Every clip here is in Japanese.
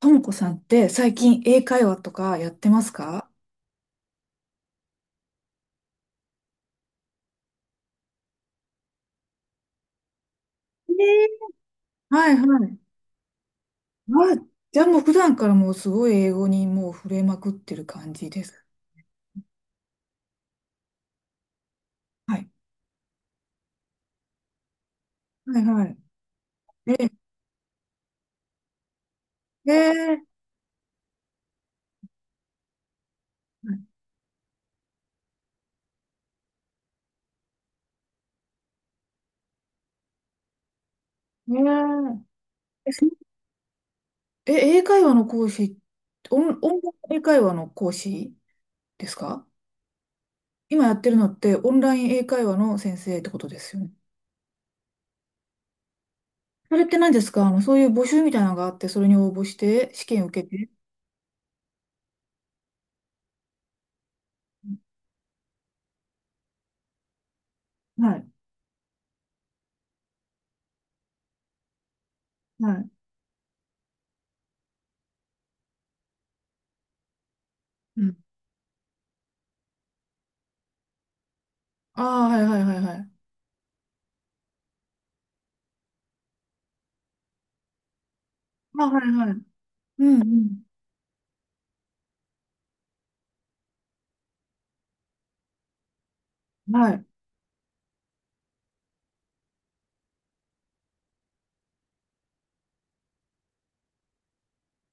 ともこさんって最近英会話とかやってますか？はいはい。あ、じゃあもう普段からもうすごい英語にもう触れまくってる感じです。はい。はいはい。え、えー、えーえそえ英会話の講師、オンライン英会話の講師ですか？今やってるのってオンライン英会話の先生ってことですよね。それって何ですか？あの、そういう募集みたいなのがあって、それに応募して試験受けて。はい。はい。うん。ああ、はいはいはいはい。あ、はいはい。うんうん。はい。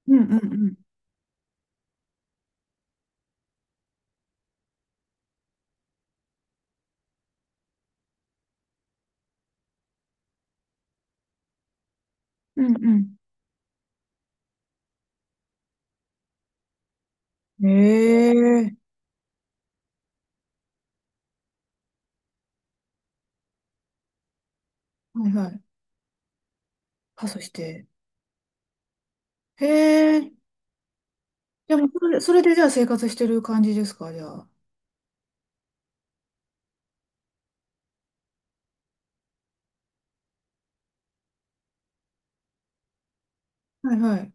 うんうんうん。うんうん。ええ、はいはい。パスして。へえ。でも、それで、それでじゃあ生活してる感じですか、じゃあ。はいはい。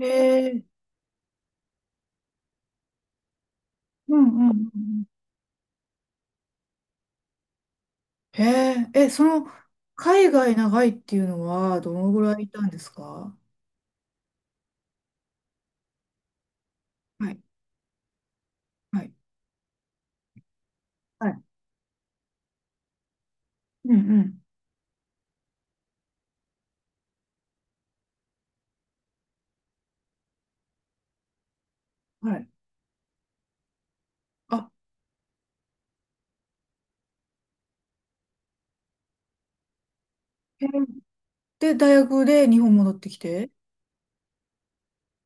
へえ。うんうんうんうん。へえ。え、その、海外長いっていうのは、どのぐらいいたんですか？はいはいはい。うんうん。はい。あ、へえ。で、大学で日本戻ってきて。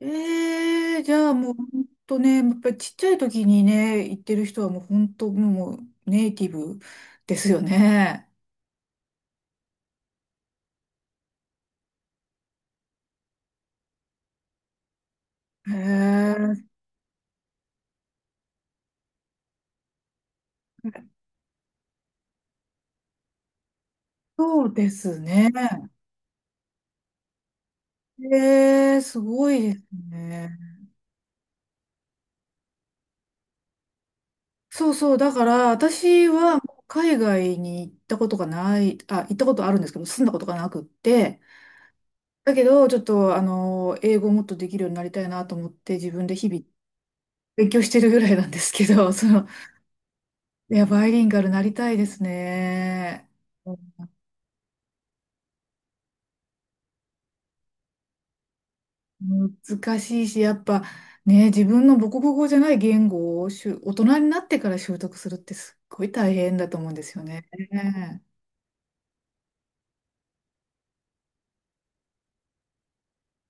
ええ、じゃあもう本当ね、やっぱりちっちゃい時にね、行ってる人はもう本当もうネイティブですよね。ええ、そうですね。ええ、すごいですね。そうそう、だから私はもう海外に行ったことがない、あ、行ったことあるんですけど、住んだことがなくって、だけどちょっとあの、英語をもっとできるようになりたいなと思って自分で日々勉強してるぐらいなんですけど、その、いや、バイリンガルなりたいですね。難しいし、やっぱね、自分の母国語じゃない言語を大人になってから習得するってすっごい大変だと思うんですよね。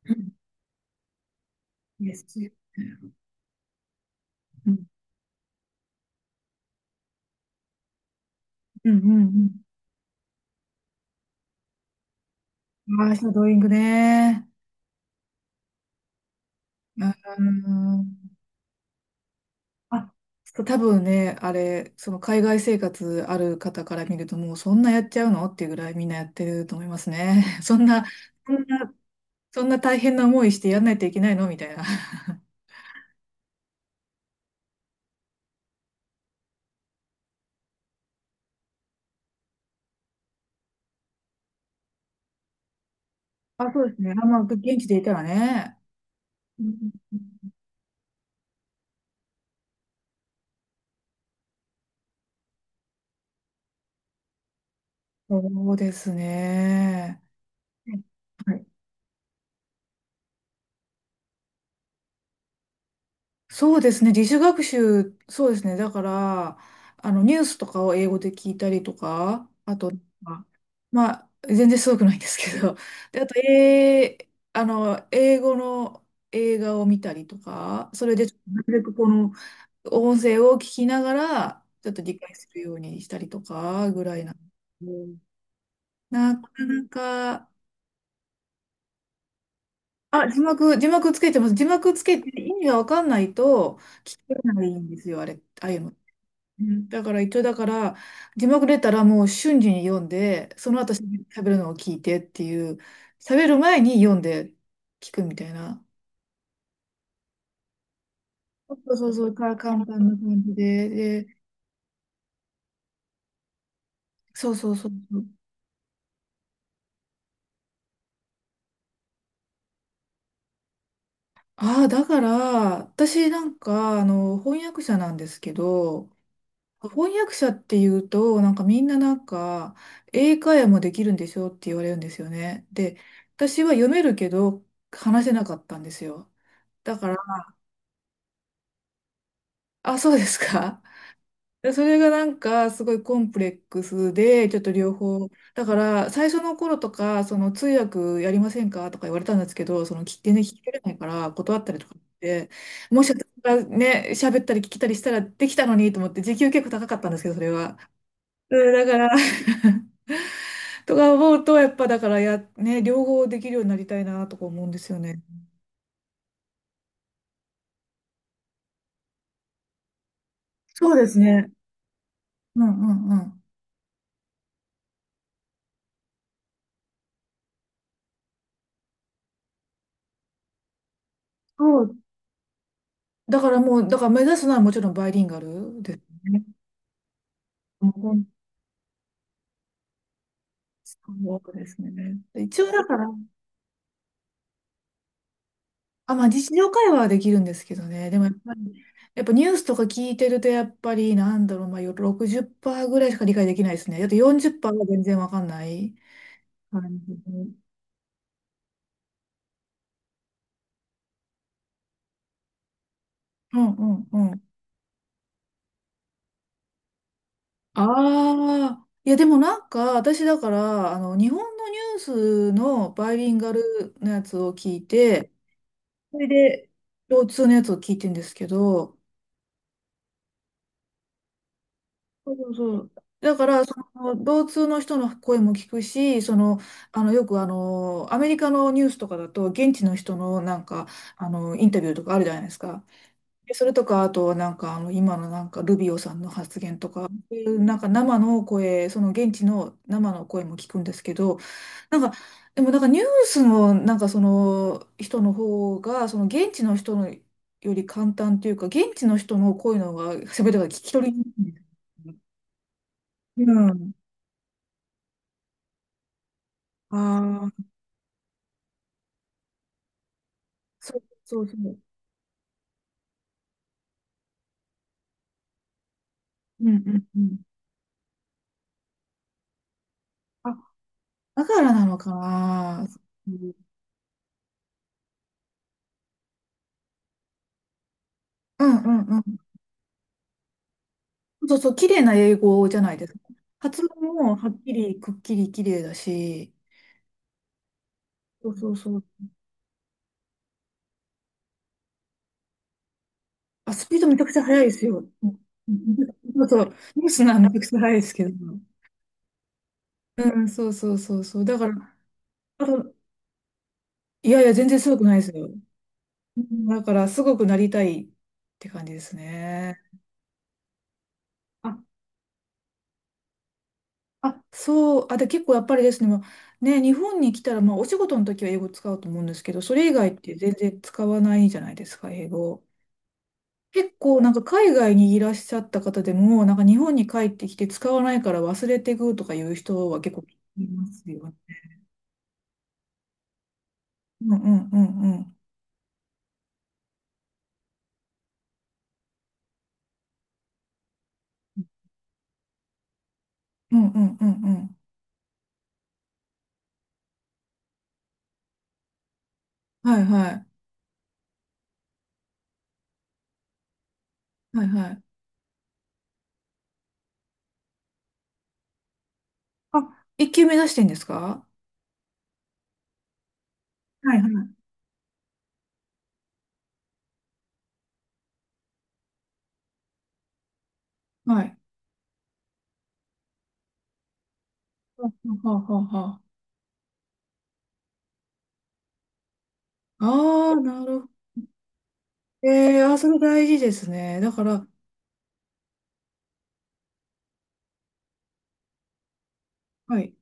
うんですよ。うん、うん、うんうん。ああ、シャドーイングね。うん。あ、そう多分ね、あれ、その海外生活ある方から見ると、もうそんなやっちゃうのっていうぐらいみんなやってると思いますね。そんな、そんな大変な思いしてやんないといけないのみたいな。あ、そうですね。あ、まあ、現地でいたらね。うん、そうですね。はいはい。そうですね。自主学習、そうですね。だから、あの、ニュースとかを英語で聞いたりとか、まあまあ、全然すごくないんですけど。で、あと、あの、英語の映画を見たりとか、それでなるべくこの音声を聞きながら、ちょっと理解するようにしたりとかぐらいな。うん、なかなか、あ、字幕、字幕つけてます。字幕つけて意味がわかんないと聞けないんですよ、あれ、ああいうの。うん、だから一応だから字幕出たらもう瞬時に読んでその後喋るのを聞いてっていう、喋る前に読んで聞くみたいな。そうそうそう、か簡単な感じで、で、そうそうそうそう。ああ、だから私なんかあの翻訳者なんですけど、翻訳者っていうとなんかみんななんか英会話もできるんでしょって言われるんですよね。で、私は読めるけど話せなかったんですよ、だから。あ、そうですか。で、それがなんかすごいコンプレックスで、ちょっと両方。だから最初の頃とか、その通訳やりませんかとか言われたんですけど、聞き取れないから断ったりとかって、もし私がね、喋ったり聞きたりしたらできたのにと思って、時給結構高かったんですけど、それは。うん、だから、とか思うと、やっぱだからや、ね、両方できるようになりたいなとか思うんですよね。そうですね。うんうんうん。そう。だからもう、だから目指すのはもちろんバイリンガルですね。そうですね。一応だから、あ、まあ日常会話はできるんですけどね。でもやっぱり、やっぱニュースとか聞いてると、やっぱり、なんだろう、まあ60%ぐらいしか理解できないですね。だって40%は全然わかんない感じで。うんうんうん。ああ、いやでもなんか、私だから、あの、日本のニュースのバイリンガルのやつを聞いて、それで、共通のやつを聞いてんですけど、そうそうそう。だから、その、同通の人の声も聞くし、その、あの、アメリカのニュースとかだと、現地の人のなんか、あの、インタビューとかあるじゃないですか。でそれとか、あと、なんか、あの、今のなんか、ルビオさんの発言とか、そういうなんか、生の声、その、現地の生の声も聞くんですけど、なんか、でもなんか、ニュースの、なんか、その、人の方が、その、現地の人のより簡単というか、現地の人の声の方が、喋りが聞き取りにくいんですよ。うん。ああ、そうそうそう。うんうんうん。あ、だからなのかな。うんうんうん。そうそう、綺麗な英語じゃないですか。発音もはっきり、くっきり綺麗だし、そうそうそう。あ、スピードめちゃくちゃ速いですよ。うん、そうそう。ニュースならめちゃくちゃ速いですけど。うん、そうそうそうそう。だから、あと、いやいや、全然すごくないですよ。うん、だから、すごくなりたいって感じですね。あ、そう、あ、で、結構やっぱりですね、まあね、日本に来たら、まあ、お仕事の時は英語使うと思うんですけど、それ以外って全然使わないじゃないですか、英語。結構なんか海外にいらっしゃった方でも、なんか日本に帰ってきて使わないから忘れていくとかいう人は結構いますよ。うんうんうんうん。うんうんうんうん。はいはい。はいはい。あ、一級目指してんですか？はいはい。はい。ははははは。ああ、なるほど。えー、あ、それ大事ですね。だから、はい。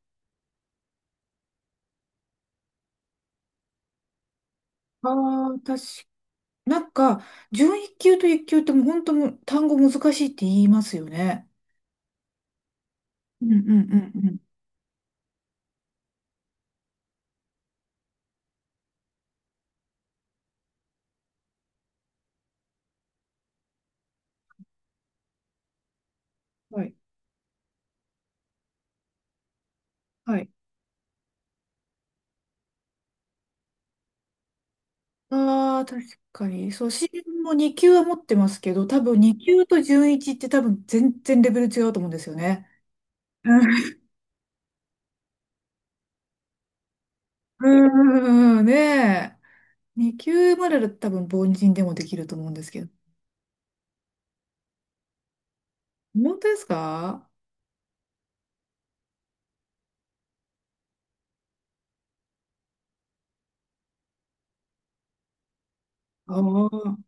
ああ、確か、なんか、準一級と一級ってもう本当もう単語難しいって言いますよね。うんうんうんうん。はい。はい。ああ、確かに。そう、私も2級は持ってますけど、多分2級と準一って多分全然レベル違うと思うんですよね。うんうんうんねえ。2級までだと多分凡人でもできると思うんですけど。本当ですか？ああー。